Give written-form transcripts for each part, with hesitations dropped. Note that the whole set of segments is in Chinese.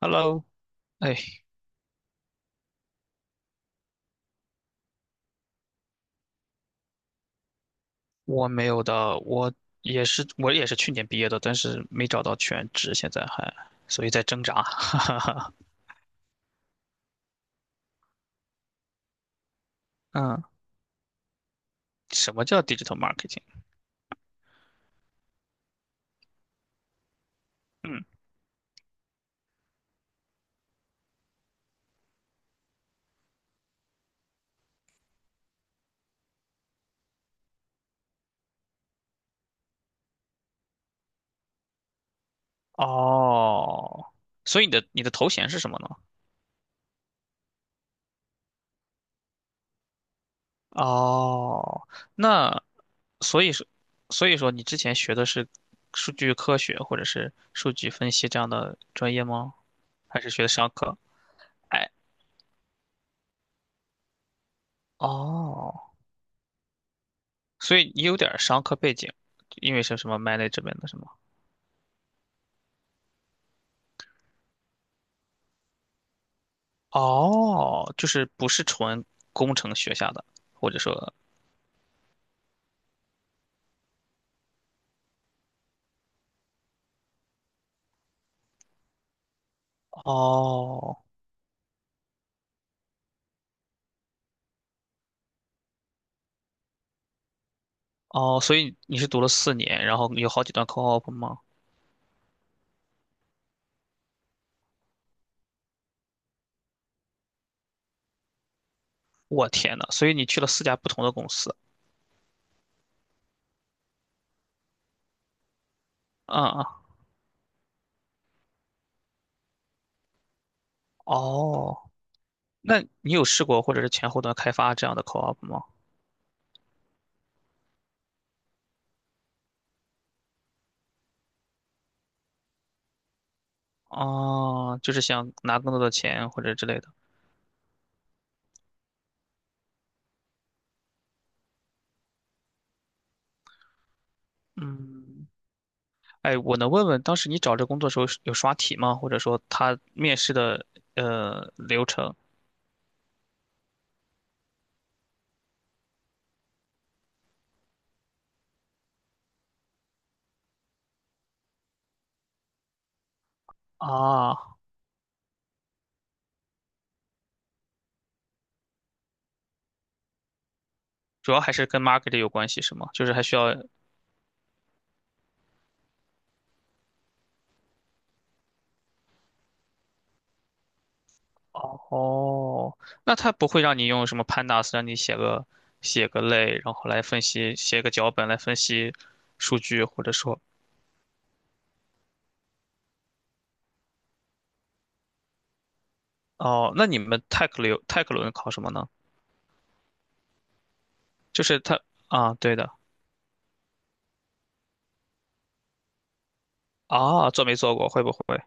Hello，哎，我没有的，我也是，我也是去年毕业的，但是没找到全职，现在还，所以在挣扎。哈哈哈。嗯，什么叫 digital marketing？嗯，哦，所以你的头衔是什么呢？哦，那所以说，所以说你之前学的是数据科学或者是数据分析这样的专业吗？还是学的商科？哎，哦，所以你有点儿商科背景，因为是什么 management 的什么？哦，就是不是纯工程学下的，或者说，哦哦，所以你是读了四年，然后有好几段 co-op 吗？我天呐，所以你去了四家不同的公司，啊、嗯、哦，那你有试过或者是前后端开发这样的 co-op 吗？哦，就是想拿更多的钱或者之类的，嗯，哎，我能问问当时你找这工作的时候是有刷题吗？或者说他面试的流程啊？主要还是跟 market 有关系，是吗？就是还需要，哦，那他不会让你用什么 pandas 让你写个写个类，然后来分析，写个脚本来分析数据，或者说，哦，那你们 t e c t 流 Tech 轮考什么呢？就是他啊，对的啊，做没做过，会不会？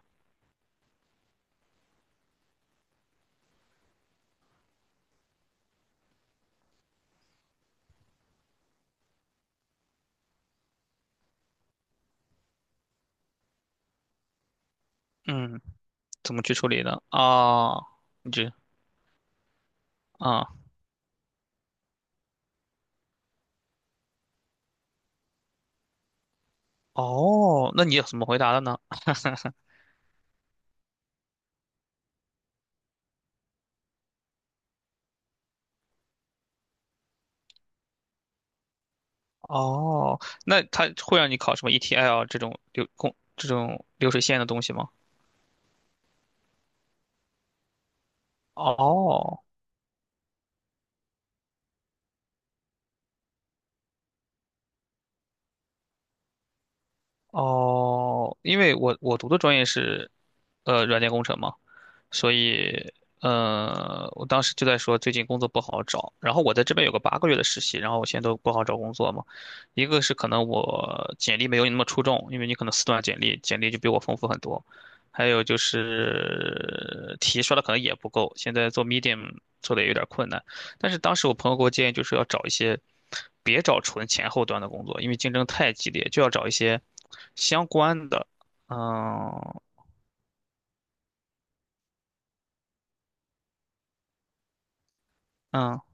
嗯，怎么去处理呢？啊，你这啊，哦，那你怎么回答的呢？哦，那他会让你考什么 ETL 这种流控这种流水线的东西吗？哦哦，因为我读的专业是，软件工程嘛，所以，我当时就在说最近工作不好找，然后我在这边有个八个月的实习，然后我现在都不好找工作嘛，一个是可能我简历没有你那么出众，因为你可能四段简历，简历就比我丰富很多，还有就是题刷的可能也不够，现在做 Medium 做的也有点困难。但是当时我朋友给我建议，就是要找一些，别找纯前后端的工作，因为竞争太激烈，就要找一些相关的。嗯嗯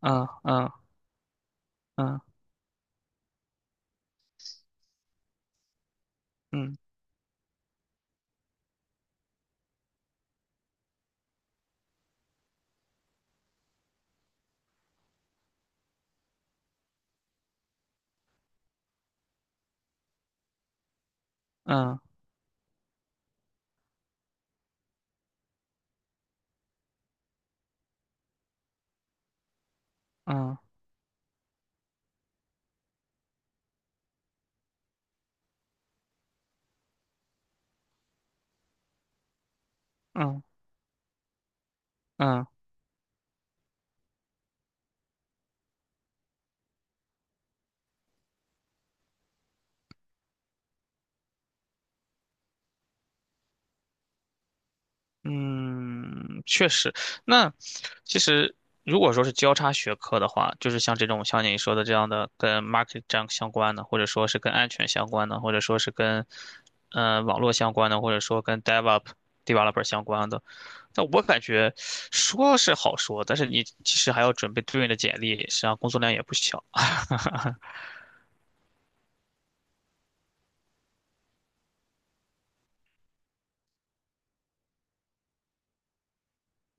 嗯嗯嗯嗯嗯嗯嗯嗯嗯嗯，确实。那其实如果说是交叉学科的话，就是像这种像你说的这样的跟 market 这样相关的，或者说是跟安全相关的，或者说是跟网络相关的，或者说跟 developer 相关的，但我感觉说是好说，但是你其实还要准备对应的简历，实际上工作量也不小。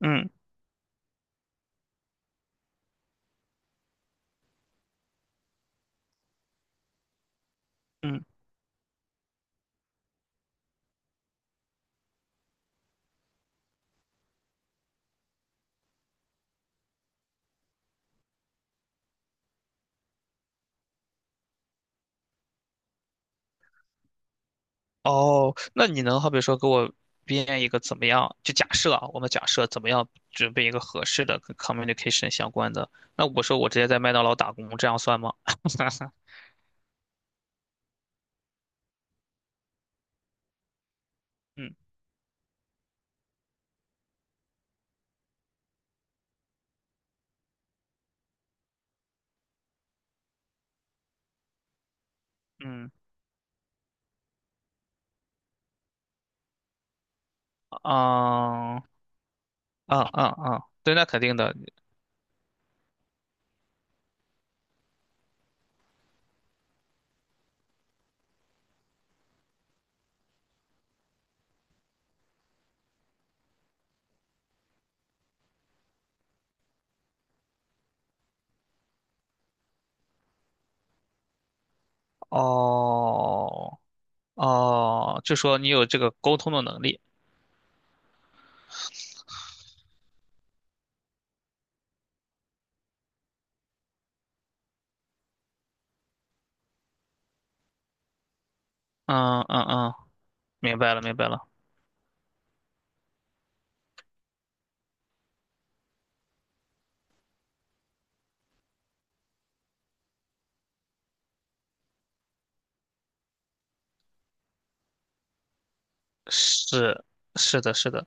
嗯嗯。哦，那你能好比说给我编一个怎么样？就假设啊，我们假设怎么样准备一个合适的跟 communication 相关的？那我说我直接在麦当劳打工，这样算吗？嗯嗯嗯嗯，对，那肯定的。哦哦，就说你有这个沟通的能力。嗯，明白了明白了。是是的是的。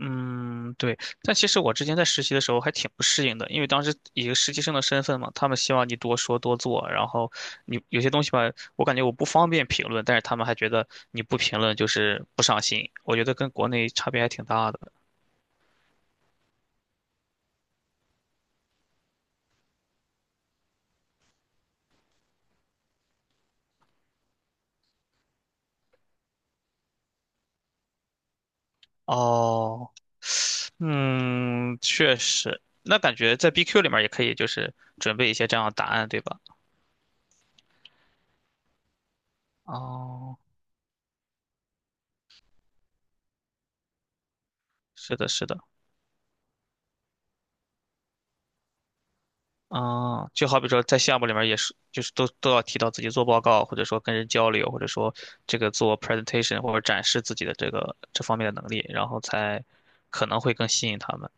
嗯，对，但其实我之前在实习的时候还挺不适应的，因为当时以一个实习生的身份嘛，他们希望你多说多做，然后你有些东西吧，我感觉我不方便评论，但是他们还觉得你不评论就是不上心，我觉得跟国内差别还挺大的。哦，嗯，确实，那感觉在 BQ 里面也可以，就是准备一些这样的答案，对吧？哦，是的，是的。啊，就好比说在项目里面也是，就是都要提到自己做报告，或者说跟人交流，或者说这个做 presentation 或者展示自己的这个这方面的能力，然后才可能会更吸引他们。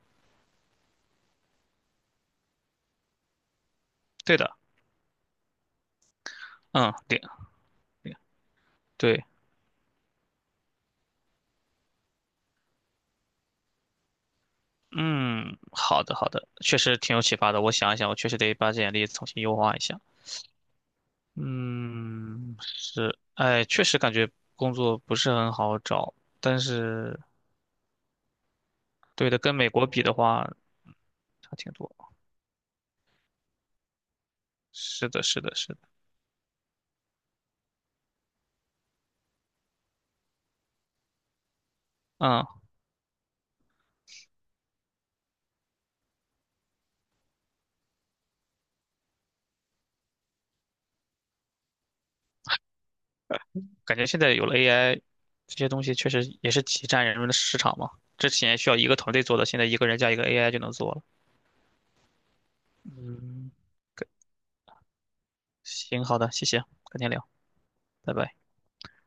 对的，嗯，对，对，嗯，好的，好的，确实挺有启发的。我想一想，我确实得把简历重新优化一下。嗯，是，哎，确实感觉工作不是很好找，但是对的，跟美国比的话差挺多。是的，是的，是的，嗯。感觉现在有了 AI,这些东西确实也是挤占人们的市场嘛。之前需要一个团队做的，现在一个人加一个 AI 就能做了。嗯，行，好的，谢谢，改天聊，拜拜。